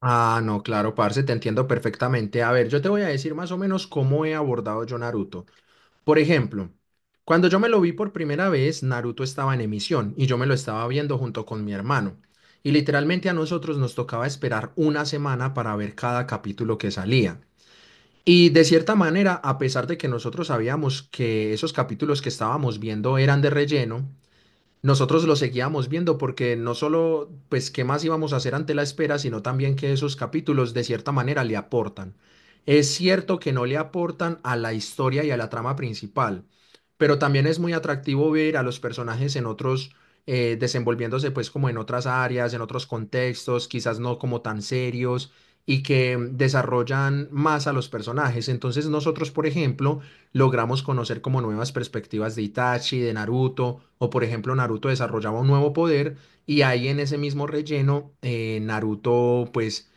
Ah, no, claro, parce, te entiendo perfectamente. A ver, yo te voy a decir más o menos cómo he abordado yo Naruto. Por ejemplo, cuando yo me lo vi por primera vez, Naruto estaba en emisión y yo me lo estaba viendo junto con mi hermano. Y literalmente a nosotros nos tocaba esperar una semana para ver cada capítulo que salía. Y de cierta manera, a pesar de que nosotros sabíamos que esos capítulos que estábamos viendo eran de relleno, nosotros lo seguíamos viendo porque no solo, pues, qué más íbamos a hacer ante la espera, sino también que esos capítulos de cierta manera le aportan. Es cierto que no le aportan a la historia y a la trama principal, pero también es muy atractivo ver a los personajes en otros, desenvolviéndose pues como en otras áreas, en otros contextos, quizás no como tan serios y que desarrollan más a los personajes. Entonces nosotros, por ejemplo, logramos conocer como nuevas perspectivas de Itachi, de Naruto, o por ejemplo Naruto desarrollaba un nuevo poder y ahí en ese mismo relleno Naruto pues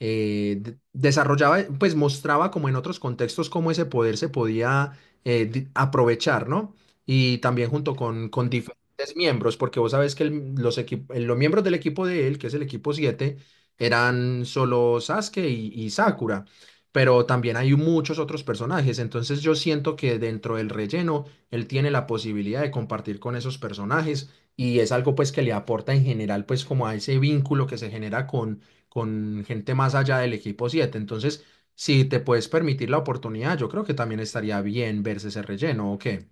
desarrollaba, pues mostraba como en otros contextos cómo ese poder se podía aprovechar, ¿no? Y también junto con diferentes miembros, porque vos sabés que los, los miembros del equipo de él, que es el equipo 7 eran solo Sasuke y Sakura, pero también hay muchos otros personajes, entonces yo siento que dentro del relleno él tiene la posibilidad de compartir con esos personajes y es algo pues que le aporta en general pues como a ese vínculo que se genera con gente más allá del equipo 7. Entonces, si te puedes permitir la oportunidad, yo creo que también estaría bien verse ese relleno, ¿o qué?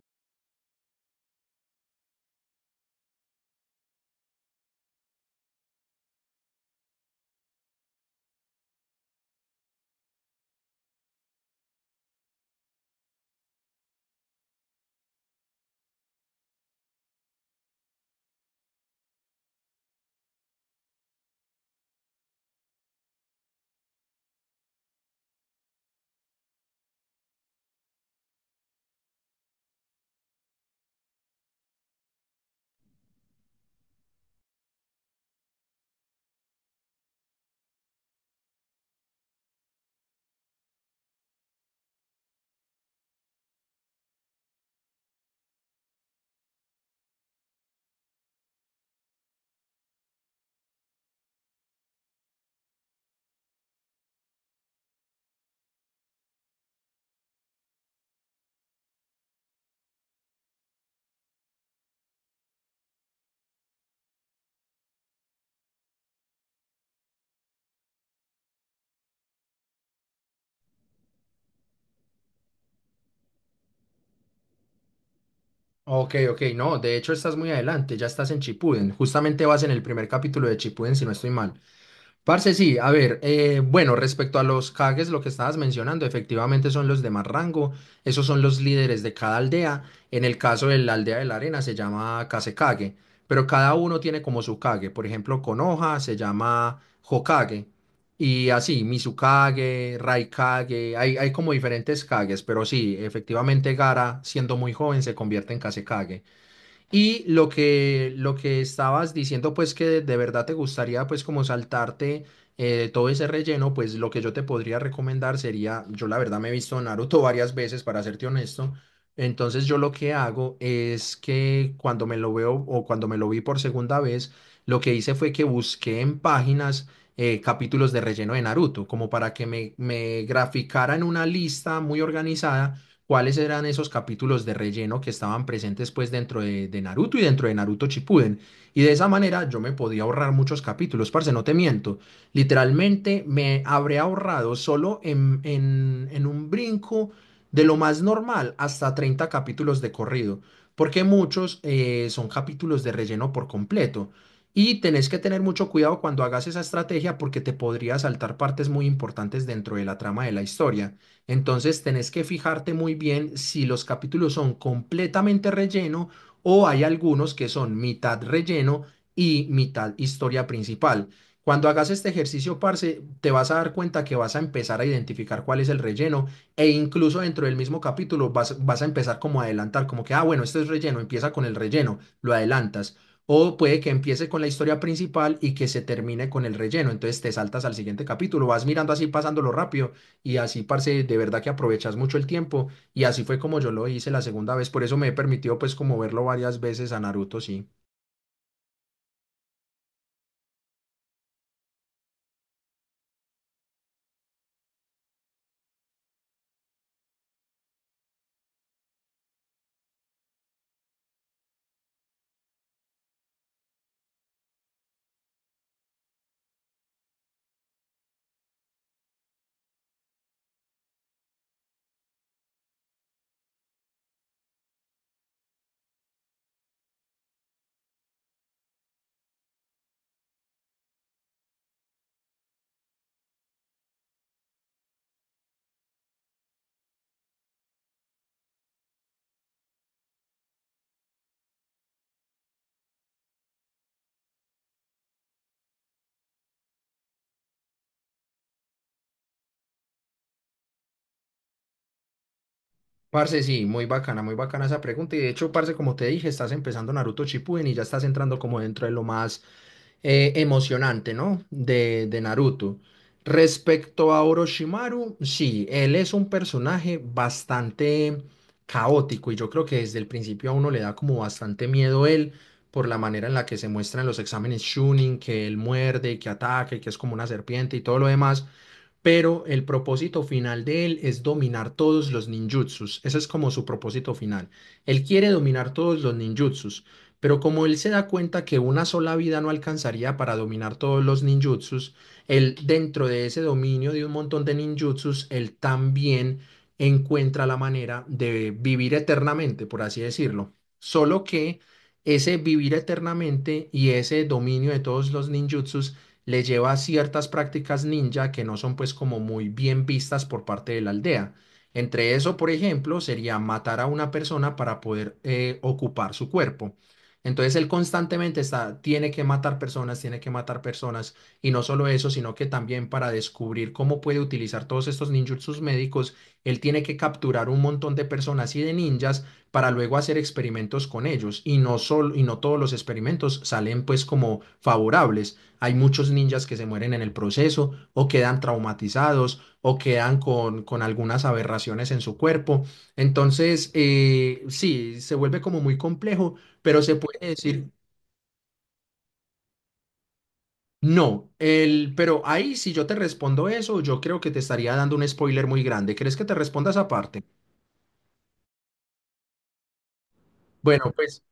Ok, ok, no, de hecho estás muy adelante, ya estás en Chipuden, justamente vas en el primer capítulo de Chipuden, si no estoy mal. Parce, sí, a ver, bueno, respecto a los Kages, lo que estabas mencionando, efectivamente son los de más rango, esos son los líderes de cada aldea, en el caso de la aldea de la arena se llama Kasekage, pero cada uno tiene como su Kage, por ejemplo, Konoha se llama Hokage, y así, Mizukage, Raikage, hay como diferentes Kages, pero sí, efectivamente Gara, siendo muy joven, se convierte en Kasekage. Y lo que estabas diciendo, pues que de verdad te gustaría, pues como saltarte todo ese relleno, pues lo que yo te podría recomendar sería, yo la verdad me he visto Naruto varias veces, para serte honesto, entonces yo lo que hago es que cuando me lo veo o cuando me lo vi por segunda vez, lo que hice fue que busqué en páginas capítulos de relleno de Naruto, como para que me graficara en una lista muy organizada cuáles eran esos capítulos de relleno que estaban presentes pues dentro de Naruto y dentro de Naruto Shippuden. Y de esa manera yo me podía ahorrar muchos capítulos, parce, no te miento. Literalmente me habré ahorrado solo en un brinco de lo más normal hasta 30 capítulos de corrido, porque muchos son capítulos de relleno por completo. Y tenés que tener mucho cuidado cuando hagas esa estrategia porque te podría saltar partes muy importantes dentro de la trama de la historia. Entonces tenés que fijarte muy bien si los capítulos son completamente relleno o hay algunos que son mitad relleno y mitad historia principal. Cuando hagas este ejercicio, parce, te vas a dar cuenta que vas a empezar a identificar cuál es el relleno e incluso dentro del mismo capítulo vas a empezar como a adelantar, como que, ah, bueno, este es relleno, empieza con el relleno, lo adelantas. O puede que empiece con la historia principal y que se termine con el relleno. Entonces te saltas al siguiente capítulo, vas mirando así, pasándolo rápido y así, parce, de verdad que aprovechas mucho el tiempo. Y así fue como yo lo hice la segunda vez. Por eso me he permitido, pues, como verlo varias veces a Naruto, sí. Parce, sí, muy bacana esa pregunta. Y de hecho, parce, como te dije, estás empezando Naruto Shippuden y ya estás entrando como dentro de lo más emocionante, ¿no? De Naruto. Respecto a Orochimaru, sí, él es un personaje bastante caótico y yo creo que desde el principio a uno le da como bastante miedo él por la manera en la que se muestra en los exámenes Chunin, que él muerde, que ataque, que es como una serpiente y todo lo demás, pero el propósito final de él es dominar todos los ninjutsus. Ese es como su propósito final. Él quiere dominar todos los ninjutsus, pero como él se da cuenta que una sola vida no alcanzaría para dominar todos los ninjutsus, él dentro de ese dominio de un montón de ninjutsus, él también encuentra la manera de vivir eternamente, por así decirlo. Solo que ese vivir eternamente y ese dominio de todos los ninjutsus le lleva a ciertas prácticas ninja que no son pues como muy bien vistas por parte de la aldea. Entre eso, por ejemplo, sería matar a una persona para poder ocupar su cuerpo. Entonces él constantemente está, tiene que matar personas, tiene que matar personas, y no solo eso, sino que también para descubrir cómo puede utilizar todos estos ninjutsus médicos, él tiene que capturar un montón de personas y de ninjas para luego hacer experimentos con ellos, y no solo, y no todos los experimentos salen pues como favorables. Hay muchos ninjas que se mueren en el proceso o quedan traumatizados o quedan con algunas aberraciones en su cuerpo. Entonces, sí, se vuelve como muy complejo, pero se puede decir, no, pero ahí si yo te respondo eso, yo creo que te estaría dando un spoiler muy grande. ¿Crees que te responda esa parte? Bueno, pues...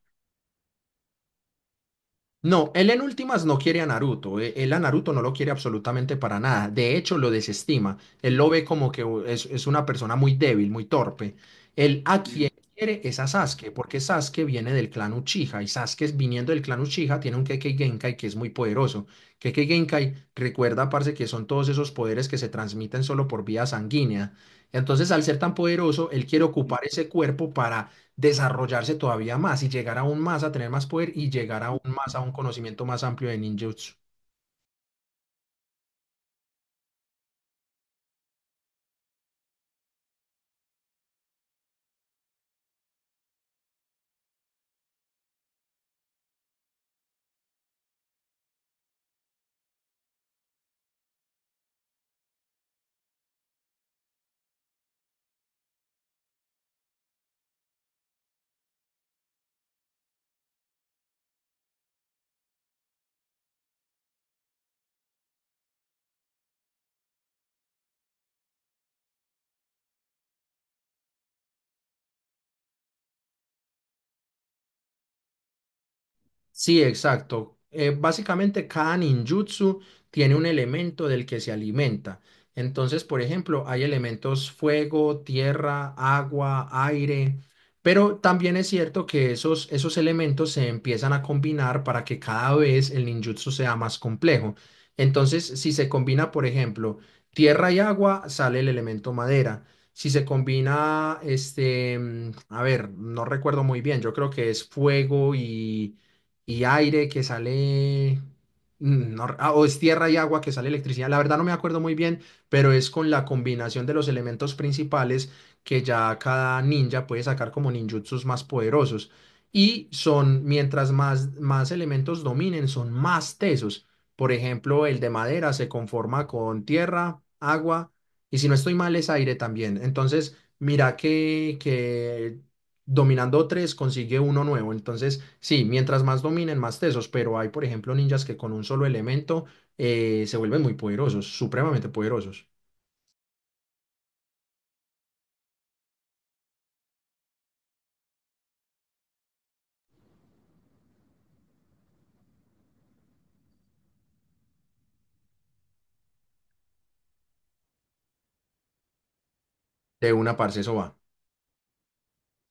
No, él en últimas no quiere a Naruto. Él a Naruto no lo quiere absolutamente para nada. De hecho, lo desestima. Él lo ve como que es una persona muy débil, muy torpe. Él a quien quiere es a Sasuke, porque Sasuke viene del clan Uchiha y Sasuke viniendo del clan Uchiha tiene un Kekkei Genkai que es muy poderoso. Kekkei Genkai recuerda, parce, que son todos esos poderes que se transmiten solo por vía sanguínea. Entonces, al ser tan poderoso, él quiere ocupar ese cuerpo para desarrollarse todavía más y llegar aún más a tener más poder y llegar aún más a un conocimiento más amplio de ninjutsu. Sí, exacto. Básicamente cada ninjutsu tiene un elemento del que se alimenta. Entonces, por ejemplo, hay elementos fuego, tierra, agua, aire, pero también es cierto que esos elementos se empiezan a combinar para que cada vez el ninjutsu sea más complejo. Entonces, si se combina, por ejemplo, tierra y agua, sale el elemento madera. Si se combina, este, a ver, no recuerdo muy bien, yo creo que es fuego y aire que sale, mm, no re- ah, o es tierra y agua que sale electricidad. La verdad no me acuerdo muy bien, pero es con la combinación de los elementos principales que ya cada ninja puede sacar como ninjutsus más poderosos. Y son, más elementos dominen, son más tesos. Por ejemplo, el de madera se conforma con tierra, agua, y si no estoy mal, es aire también. Entonces, mira que dominando tres consigue uno nuevo. Entonces, sí, mientras más dominen, más tesos, pero hay, por ejemplo, ninjas que con un solo elemento se vuelven muy poderosos, supremamente poderosos. De una parce, eso va.